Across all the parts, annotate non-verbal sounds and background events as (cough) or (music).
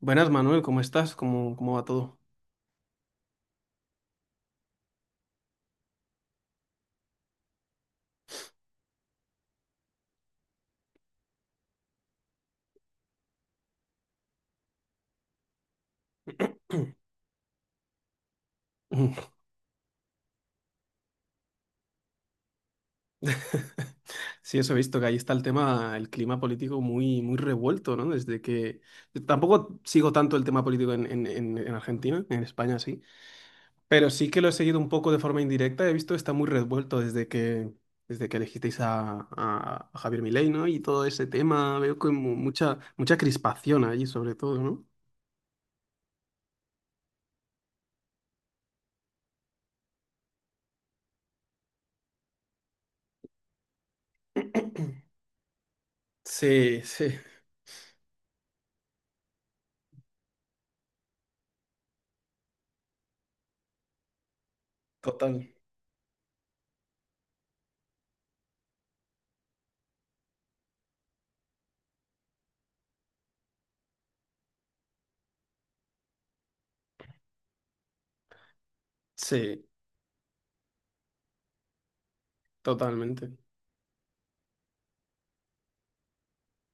Buenas, Manuel, ¿cómo estás? ¿Cómo va todo? (laughs) Sí, eso he visto que ahí está el tema, el clima político muy, muy revuelto, ¿no? Desde que... Tampoco sigo tanto el tema político en Argentina, en España sí, pero sí que lo he seguido un poco de forma indirecta, he visto que está muy revuelto desde que elegisteis a Javier Milei, ¿no? Y todo ese tema, veo como mucha, mucha crispación allí sobre todo, ¿no? Sí, sí, total. Sí, totalmente.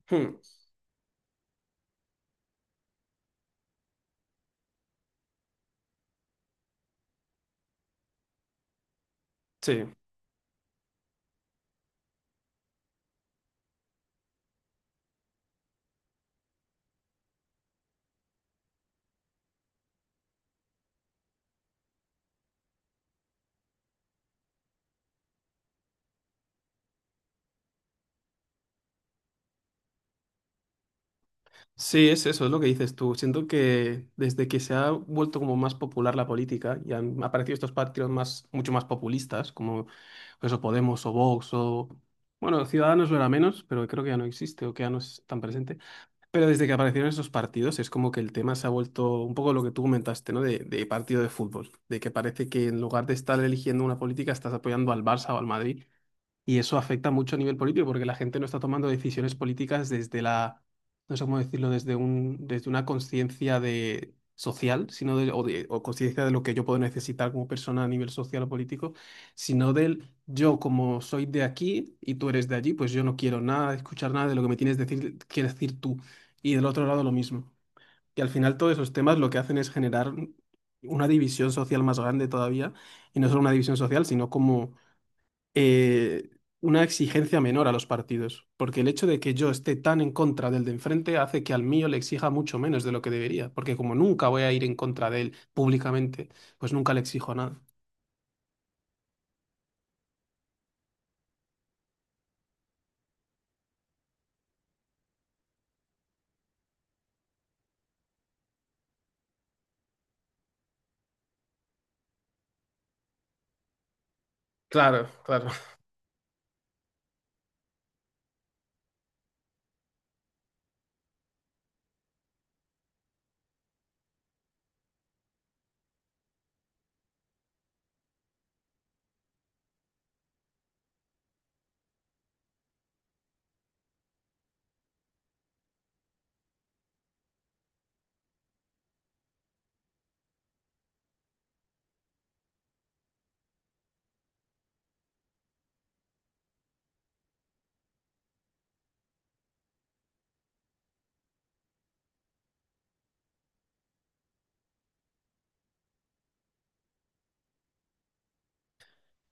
Hmm, sí. Sí, es eso, es lo que dices tú. Siento que desde que se ha vuelto como más popular la política y han aparecido estos partidos más, mucho más populistas, como eso Podemos o Vox o... Bueno, Ciudadanos lo era menos, pero creo que ya no existe o que ya no es tan presente. Pero desde que aparecieron esos partidos es como que el tema se ha vuelto un poco lo que tú comentaste, ¿no? De partido de fútbol, de que parece que en lugar de estar eligiendo una política estás apoyando al Barça o al Madrid, y eso afecta mucho a nivel político porque la gente no está tomando decisiones políticas desde la, no sé cómo decirlo, desde un, desde una conciencia de social, sino de- o conciencia de lo que yo puedo necesitar como persona a nivel social o político, sino del yo como soy de aquí y tú eres de allí, pues yo no quiero nada, escuchar nada de lo que me tienes que decir tú. Y del otro lado lo mismo. Y al final todos esos temas lo que hacen es generar una división social más grande todavía, y no solo una división social, sino como eh, una exigencia menor a los partidos, porque el hecho de que yo esté tan en contra del de enfrente hace que al mío le exija mucho menos de lo que debería, porque como nunca voy a ir en contra de él públicamente, pues nunca le exijo nada. Claro, claro.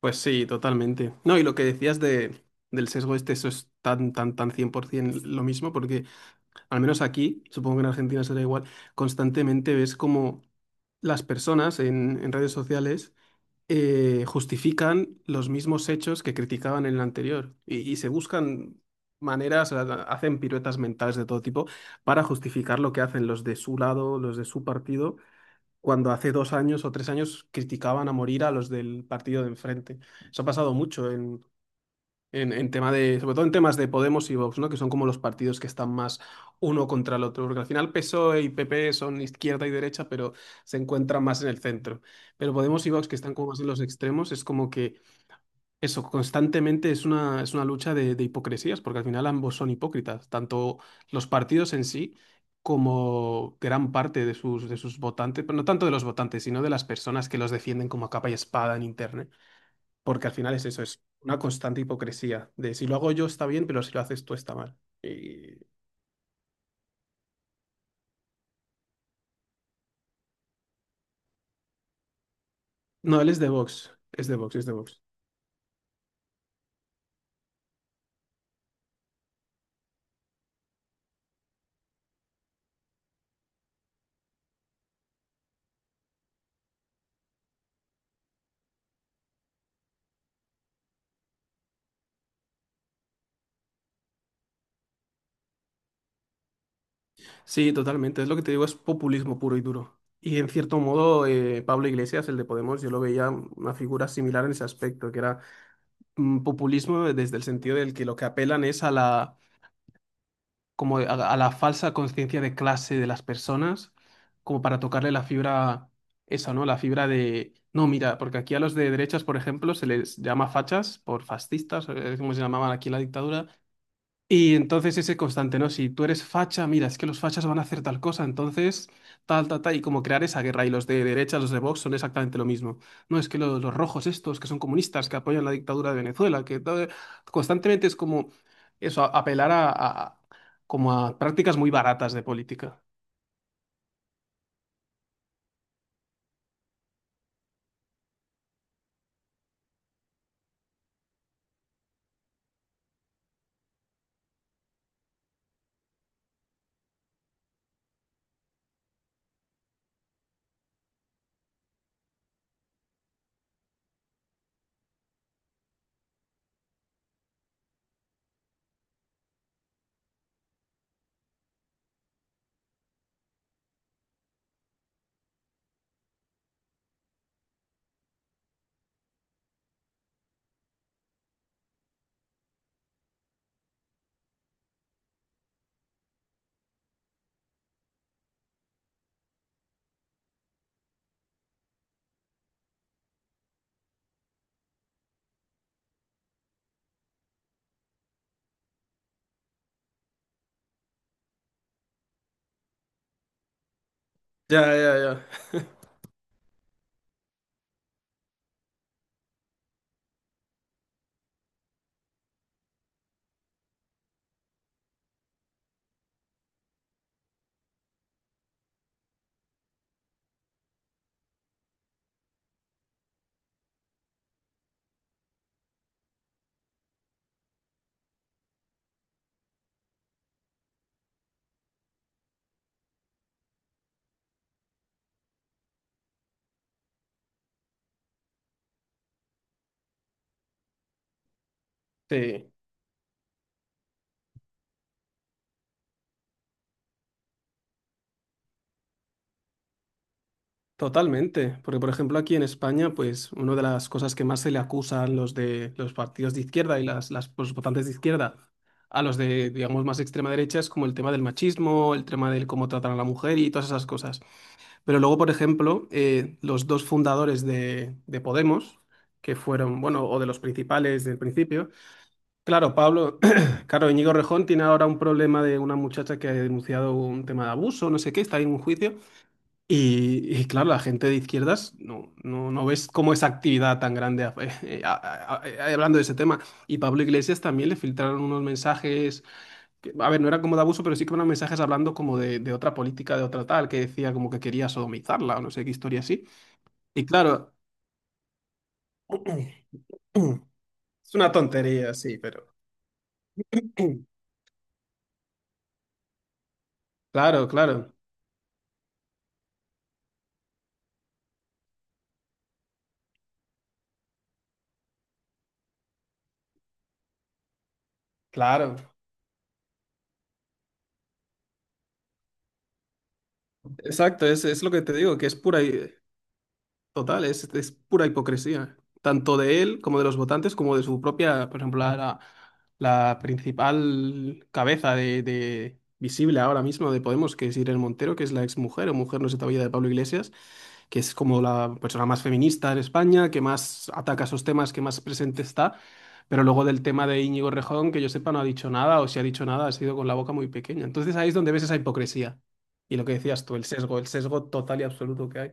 Pues sí, totalmente. No, y lo que decías del sesgo este, eso es tan, tan, tan 100% lo mismo, porque al menos aquí, supongo que en Argentina será igual, constantemente ves como las personas en redes sociales justifican los mismos hechos que criticaban en el anterior y se buscan maneras, hacen piruetas mentales de todo tipo para justificar lo que hacen los de su lado, los de su partido, cuando hace 2 años o 3 años criticaban a morir a los del partido de enfrente. Eso ha pasado mucho en tema de, sobre todo en temas de Podemos y Vox, ¿no? Que son como los partidos que están más uno contra el otro, porque al final PSOE y PP son izquierda y derecha, pero se encuentran más en el centro. Pero Podemos y Vox, que están como más en los extremos, es como que eso constantemente es una, lucha de hipocresías, porque al final ambos son hipócritas, tanto los partidos en sí como gran parte de sus votantes, pero no tanto de los votantes, sino de las personas que los defienden como a capa y espada en internet, porque al final es eso, es una constante hipocresía de si lo hago yo está bien, pero si lo haces tú está mal. Y... No, él es de Vox, es de Vox, es de Vox. Sí, totalmente, es lo que te digo, es populismo puro y duro. Y en cierto modo, Pablo Iglesias, el de Podemos, yo lo veía una figura similar en ese aspecto, que era populismo desde el sentido del que lo que apelan es a la como a la falsa conciencia de clase de las personas, como para tocarle la fibra, esa, ¿no? No, mira, porque aquí a los de derechas, por ejemplo, se les llama fachas por fascistas, como se llamaban aquí en la dictadura, y entonces ese constante, ¿no? Si tú eres facha, mira, es que los fachas van a hacer tal cosa, entonces tal, tal, tal, y como crear esa guerra. Y los de derecha, los de Vox, son exactamente lo mismo. No, es que los rojos estos, que son comunistas, que apoyan la dictadura de Venezuela, que tal, constantemente es como eso, apelar como a prácticas muy baratas de política. Ya, ya, ya. (laughs) Sí. Totalmente, porque por ejemplo aquí en España, pues una de las cosas que más se le acusan los de los partidos de izquierda y las los votantes de izquierda a los de, digamos, más extrema derecha es como el tema del machismo, el tema del cómo tratan a la mujer y todas esas cosas. Pero luego, por ejemplo, los dos fundadores de Podemos, que fueron, bueno, o de los principales del principio, claro, Pablo, (clears throat) claro, Íñigo Rejón tiene ahora un problema de una muchacha que ha denunciado un tema de abuso, no sé qué, está ahí en un juicio. Y claro, la gente de izquierdas no, no, no ves como esa actividad tan grande a- (laughs) a- hablando de ese tema. Y Pablo Iglesias también le filtraron unos mensajes, que, a ver, no era como de abuso, pero sí que eran mensajes hablando como de, otra política, de otra tal, que decía como que quería sodomizarla o no sé qué historia así. Y claro, (clears throat) es una tontería, sí, pero... (clears throat) Claro, claro, claro. Exacto, es, lo que te digo, que es pura, Total, es pura hipocresía, tanto de él como de los votantes, como de su propia, por ejemplo, la principal cabeza visible ahora mismo de Podemos, que es Irene Montero, que es la exmujer o mujer no se todavía de Pablo Iglesias, que es como la persona más feminista en España, que más ataca esos temas, que más presente está. Pero luego del tema de Íñigo Rejón, que yo sepa, no ha dicho nada, o si ha dicho nada, ha sido con la boca muy pequeña. Entonces ahí es donde ves esa hipocresía. Y lo que decías tú, el sesgo total y absoluto que hay.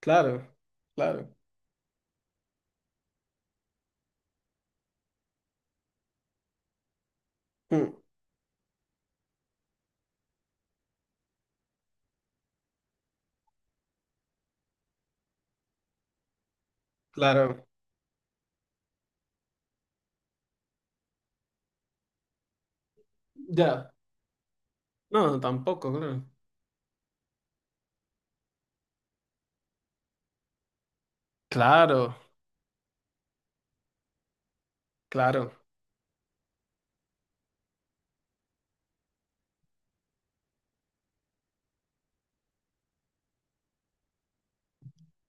Claro, claro, mm, claro. Ya. No, tampoco, claro. Claro, claro,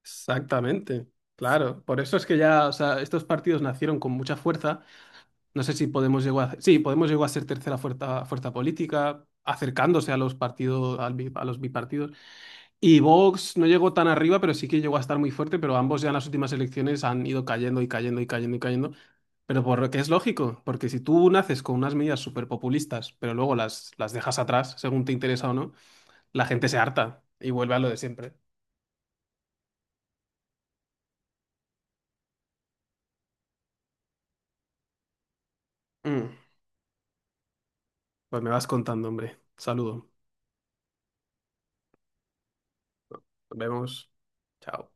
exactamente. Claro, por eso es que ya, o sea, estos partidos nacieron con mucha fuerza. No sé si Podemos llegó a, sí, Podemos llegó a ser tercera fuerza, fuerza política, acercándose a los partidos, al a los bipartidos. Y Vox no llegó tan arriba, pero sí que llegó a estar muy fuerte, pero ambos ya en las últimas elecciones han ido cayendo y cayendo y cayendo y cayendo. Pero por lo que es lógico, porque si tú naces con unas medidas súper populistas, pero luego las, dejas atrás, según te interesa o no, la gente se harta y vuelve a lo de siempre. Mm. Pues me vas contando, hombre. Saludo. Nos vemos. Chao.